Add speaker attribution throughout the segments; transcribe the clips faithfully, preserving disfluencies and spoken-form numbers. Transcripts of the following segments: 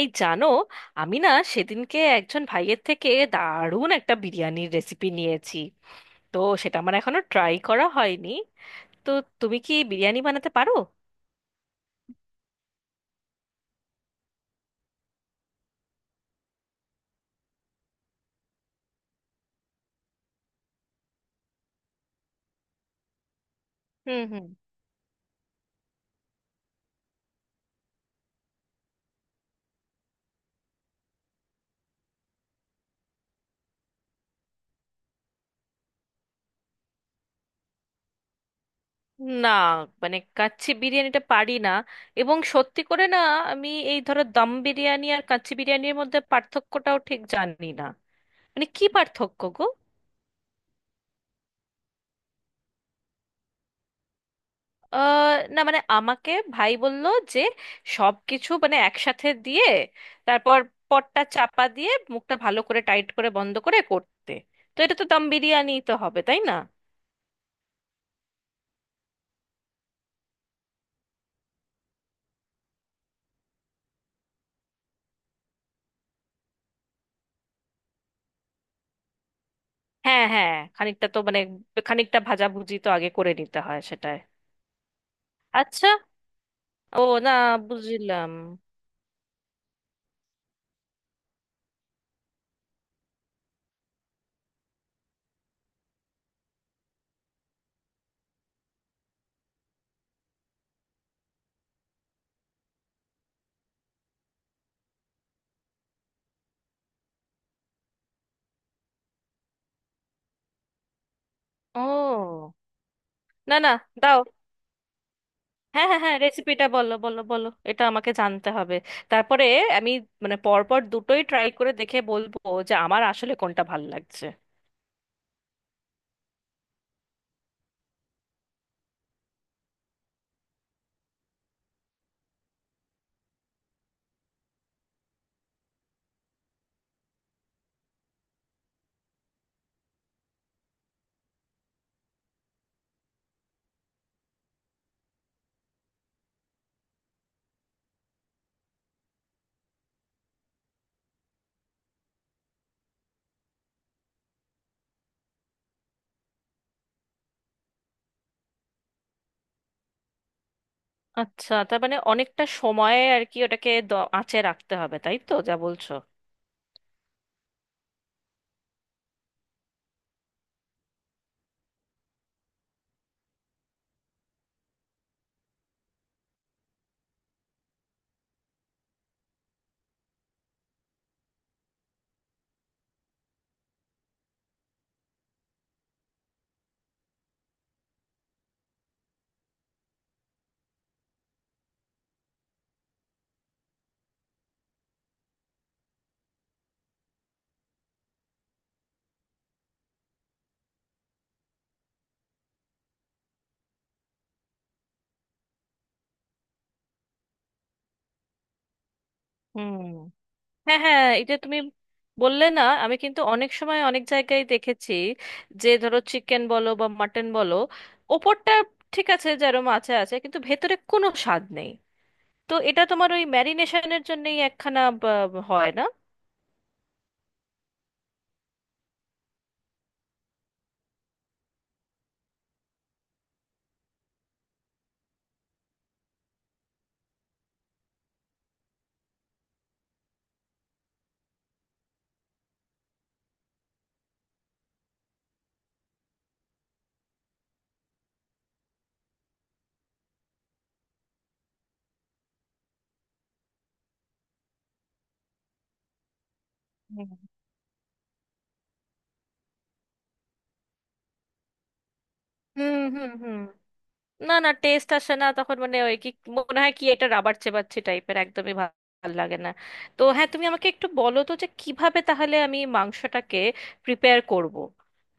Speaker 1: এই জানো, আমি না সেদিনকে একজন ভাইয়ের থেকে দারুণ একটা বিরিয়ানির রেসিপি নিয়েছি। তো সেটা আমার এখনো ট্রাই করা হয়নি। তো তুমি কি বিরিয়ানি বানাতে পারো? হুম হুম। না, মানে কাচ্চি বিরিয়ানিটা পারি না এবং সত্যি করে না। আমি এই ধরো দম বিরিয়ানি আর কাচ্চি বিরিয়ানির মধ্যে পার্থক্যটাও ঠিক জানি না। মানে কি পার্থক্য গো? আহ, না মানে আমাকে ভাই বলল যে সব কিছু মানে একসাথে দিয়ে তারপর পটটা চাপা দিয়ে মুখটা ভালো করে টাইট করে বন্ধ করে করতে। তো এটা তো দম বিরিয়ানি তো হবে, তাই না? হ্যাঁ হ্যাঁ, খানিকটা তো মানে খানিকটা ভাজাভুজি তো আগে করে নিতে হয় সেটায়। আচ্ছা, ও না, বুঝলাম। ও না না, দাও। হ্যাঁ হ্যাঁ হ্যাঁ, রেসিপিটা বলো বলো বলো, এটা আমাকে জানতে হবে। তারপরে আমি মানে পরপর দুটোই ট্রাই করে দেখে বলবো যে আমার আসলে কোনটা ভাল লাগছে। আচ্ছা, তার মানে অনেকটা সময়ে আর কি ওটাকে দ- আঁচে রাখতে হবে, তাই তো যা বলছো? হুম, হ্যাঁ হ্যাঁ, এটা তুমি বললে না, আমি কিন্তু অনেক সময় অনেক জায়গায় দেখেছি যে ধরো চিকেন বলো বা মাটন বলো, ওপরটা ঠিক আছে যেরকম আছে আছে, কিন্তু ভেতরে কোনো স্বাদ নেই। তো এটা তোমার ওই ম্যারিনেশনের জন্যই একখানা বা- হয় না? হুম হুম হুম হুম, না না, টেস্ট আসে না তখন। মানে ওই কি মনে হয় কি এটা রাবার চেবাচ্ছে টাইপের, একদমই ভা- ভাল লাগে না। তো হ্যাঁ, তুমি আমাকে একটু বলো তো যে কিভাবে তাহলে আমি মাংসটাকে প্রিপেয়ার করব।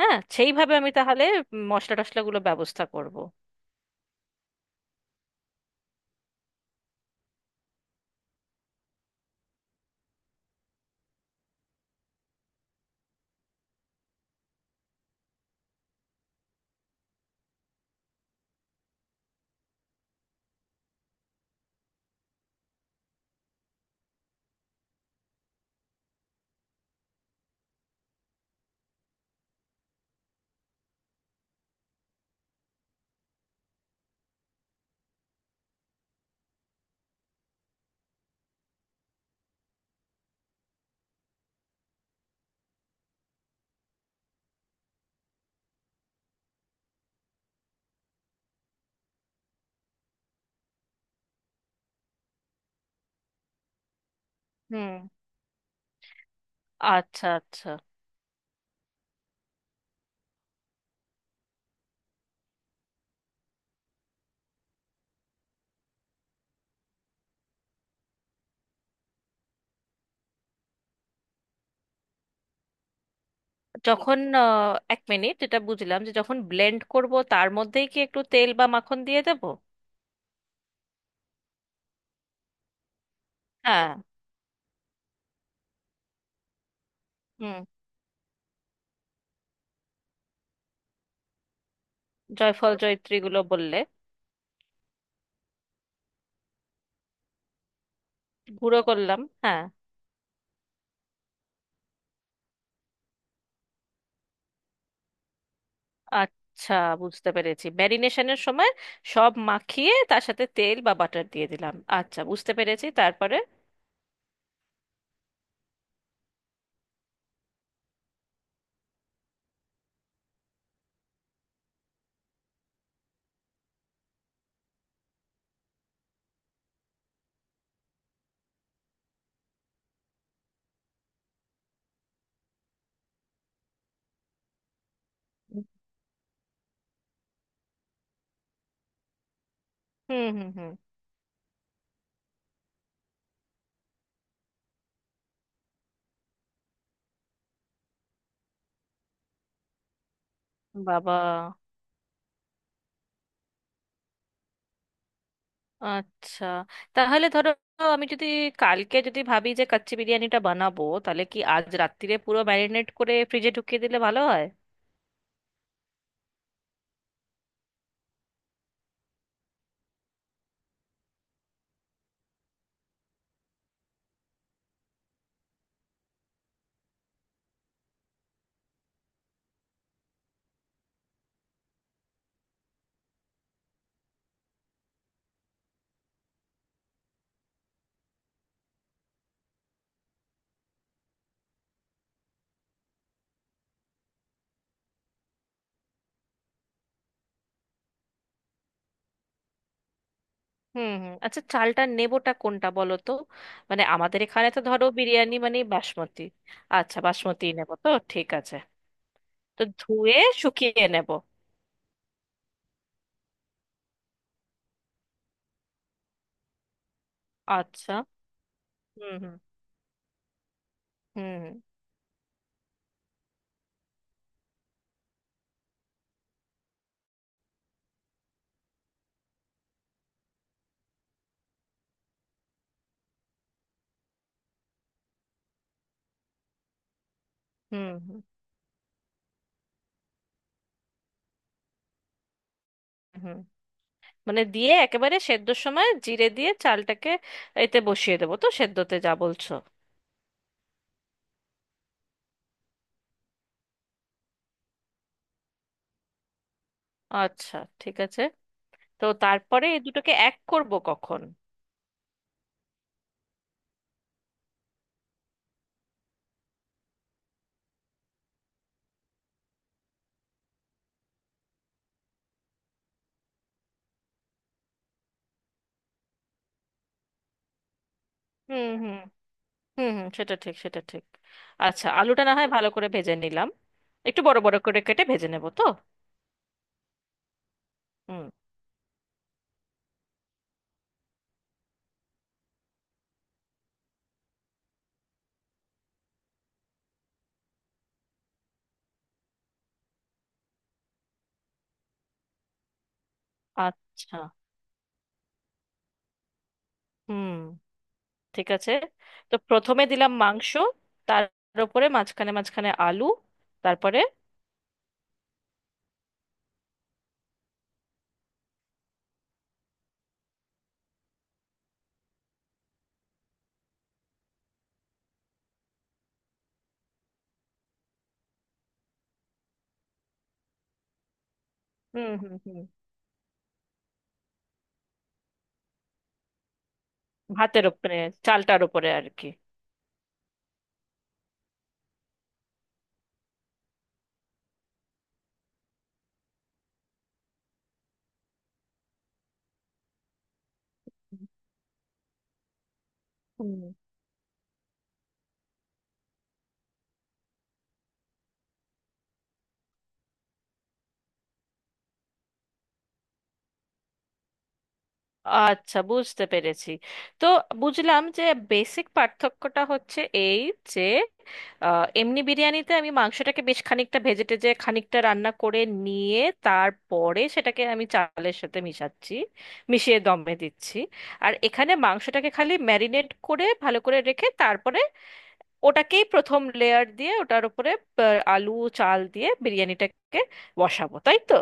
Speaker 1: হ্যাঁ সেইভাবে আমি তাহলে মশলা টশলাগুলো ব্যবস্থা করব। হুম, আচ্ছা আচ্ছা। যখন আহ, এক মিনিট, এটা বুঝলাম যে যখন ব্লেন্ড করব তার মধ্যেই কি একটু তেল বা মাখন দিয়ে দেবো? হ্যাঁ, হুম, জয়ফল জয়ত্রীগুলো বললে। গুঁড়ো করলাম, হ্যাঁ। আচ্ছা, বুঝতে পেরেছি, ম্যারিনেশনের সময় সব মাখিয়ে তার সাথে তেল বা বাটার দিয়ে দিলাম। আচ্ছা, বুঝতে পেরেছি, তারপরে? হুম হুম হুম, বাবা। আচ্ছা তাহলে ধরো, আমি যদি কালকে যদি ভাবি যে কাচ্চি বিরিয়ানিটা বানাবো, তাহলে কি আজ রাত্তিরে পুরো ম্যারিনেট করে ফ্রিজে ঢুকিয়ে দিলে ভালো হয়? হুম হুম, আচ্ছা, চালটা নেবোটা কোনটা বলো তো? মানে আমাদের এখানে তো ধরো বিরিয়ানি মানে বাসমতি। আচ্ছা বাসমতি নেব, তো ঠিক আছে, তো ধুয়ে শুকিয়ে নেব। আচ্ছা, হুম হুম হুম, হুম হুম হুম। মানে দিয়ে একেবারে সেদ্ধর সময় জিরে দিয়ে চালটাকে এতে বসিয়ে দেবো, তো সেদ্ধতে যা বলছো? আচ্ছা, ঠিক আছে, তো তারপরে এই দুটোকে এক করব কখন? হুম হুম হুম, হুম সেটা ঠিক, সেটা ঠিক। আচ্ছা, আলুটা না হয় ভালো করে ভেজে নিলাম, একটু বড় বড় করে কেটে ভেজে নেব তো? হুম, আচ্ছা, হুম, ঠিক আছে, তো প্রথমে দিলাম মাংস, তার উপরে মাঝখানে মাঝখানে আলু, তারপরে? হুম হুম হুম, ভাতের উপরে, চালটার উপরে আর কি। হুম, আচ্ছা, বুঝতে পেরেছি, তো বুঝলাম যে বেসিক পার্থক্যটা হচ্ছে এই, যে আহ, এমনি বিরিয়ানিতে আমি মাংসটাকে বেশ খানিকটা ভেজে টেজে খানিকটা রান্না করে নিয়ে তারপরে সেটাকে আমি চালের সাথে মিশাচ্ছি, মিশিয়ে দমে দিচ্ছি। আর এখানে মাংসটাকে খালি ম্যারিনেট করে ভালো করে রেখে তারপরে ওটাকেই প্রথম লেয়ার দিয়ে ওটার উপরে আহ, আলু, চাল দিয়ে বিরিয়ানিটাকে বসাবো, তাই তো?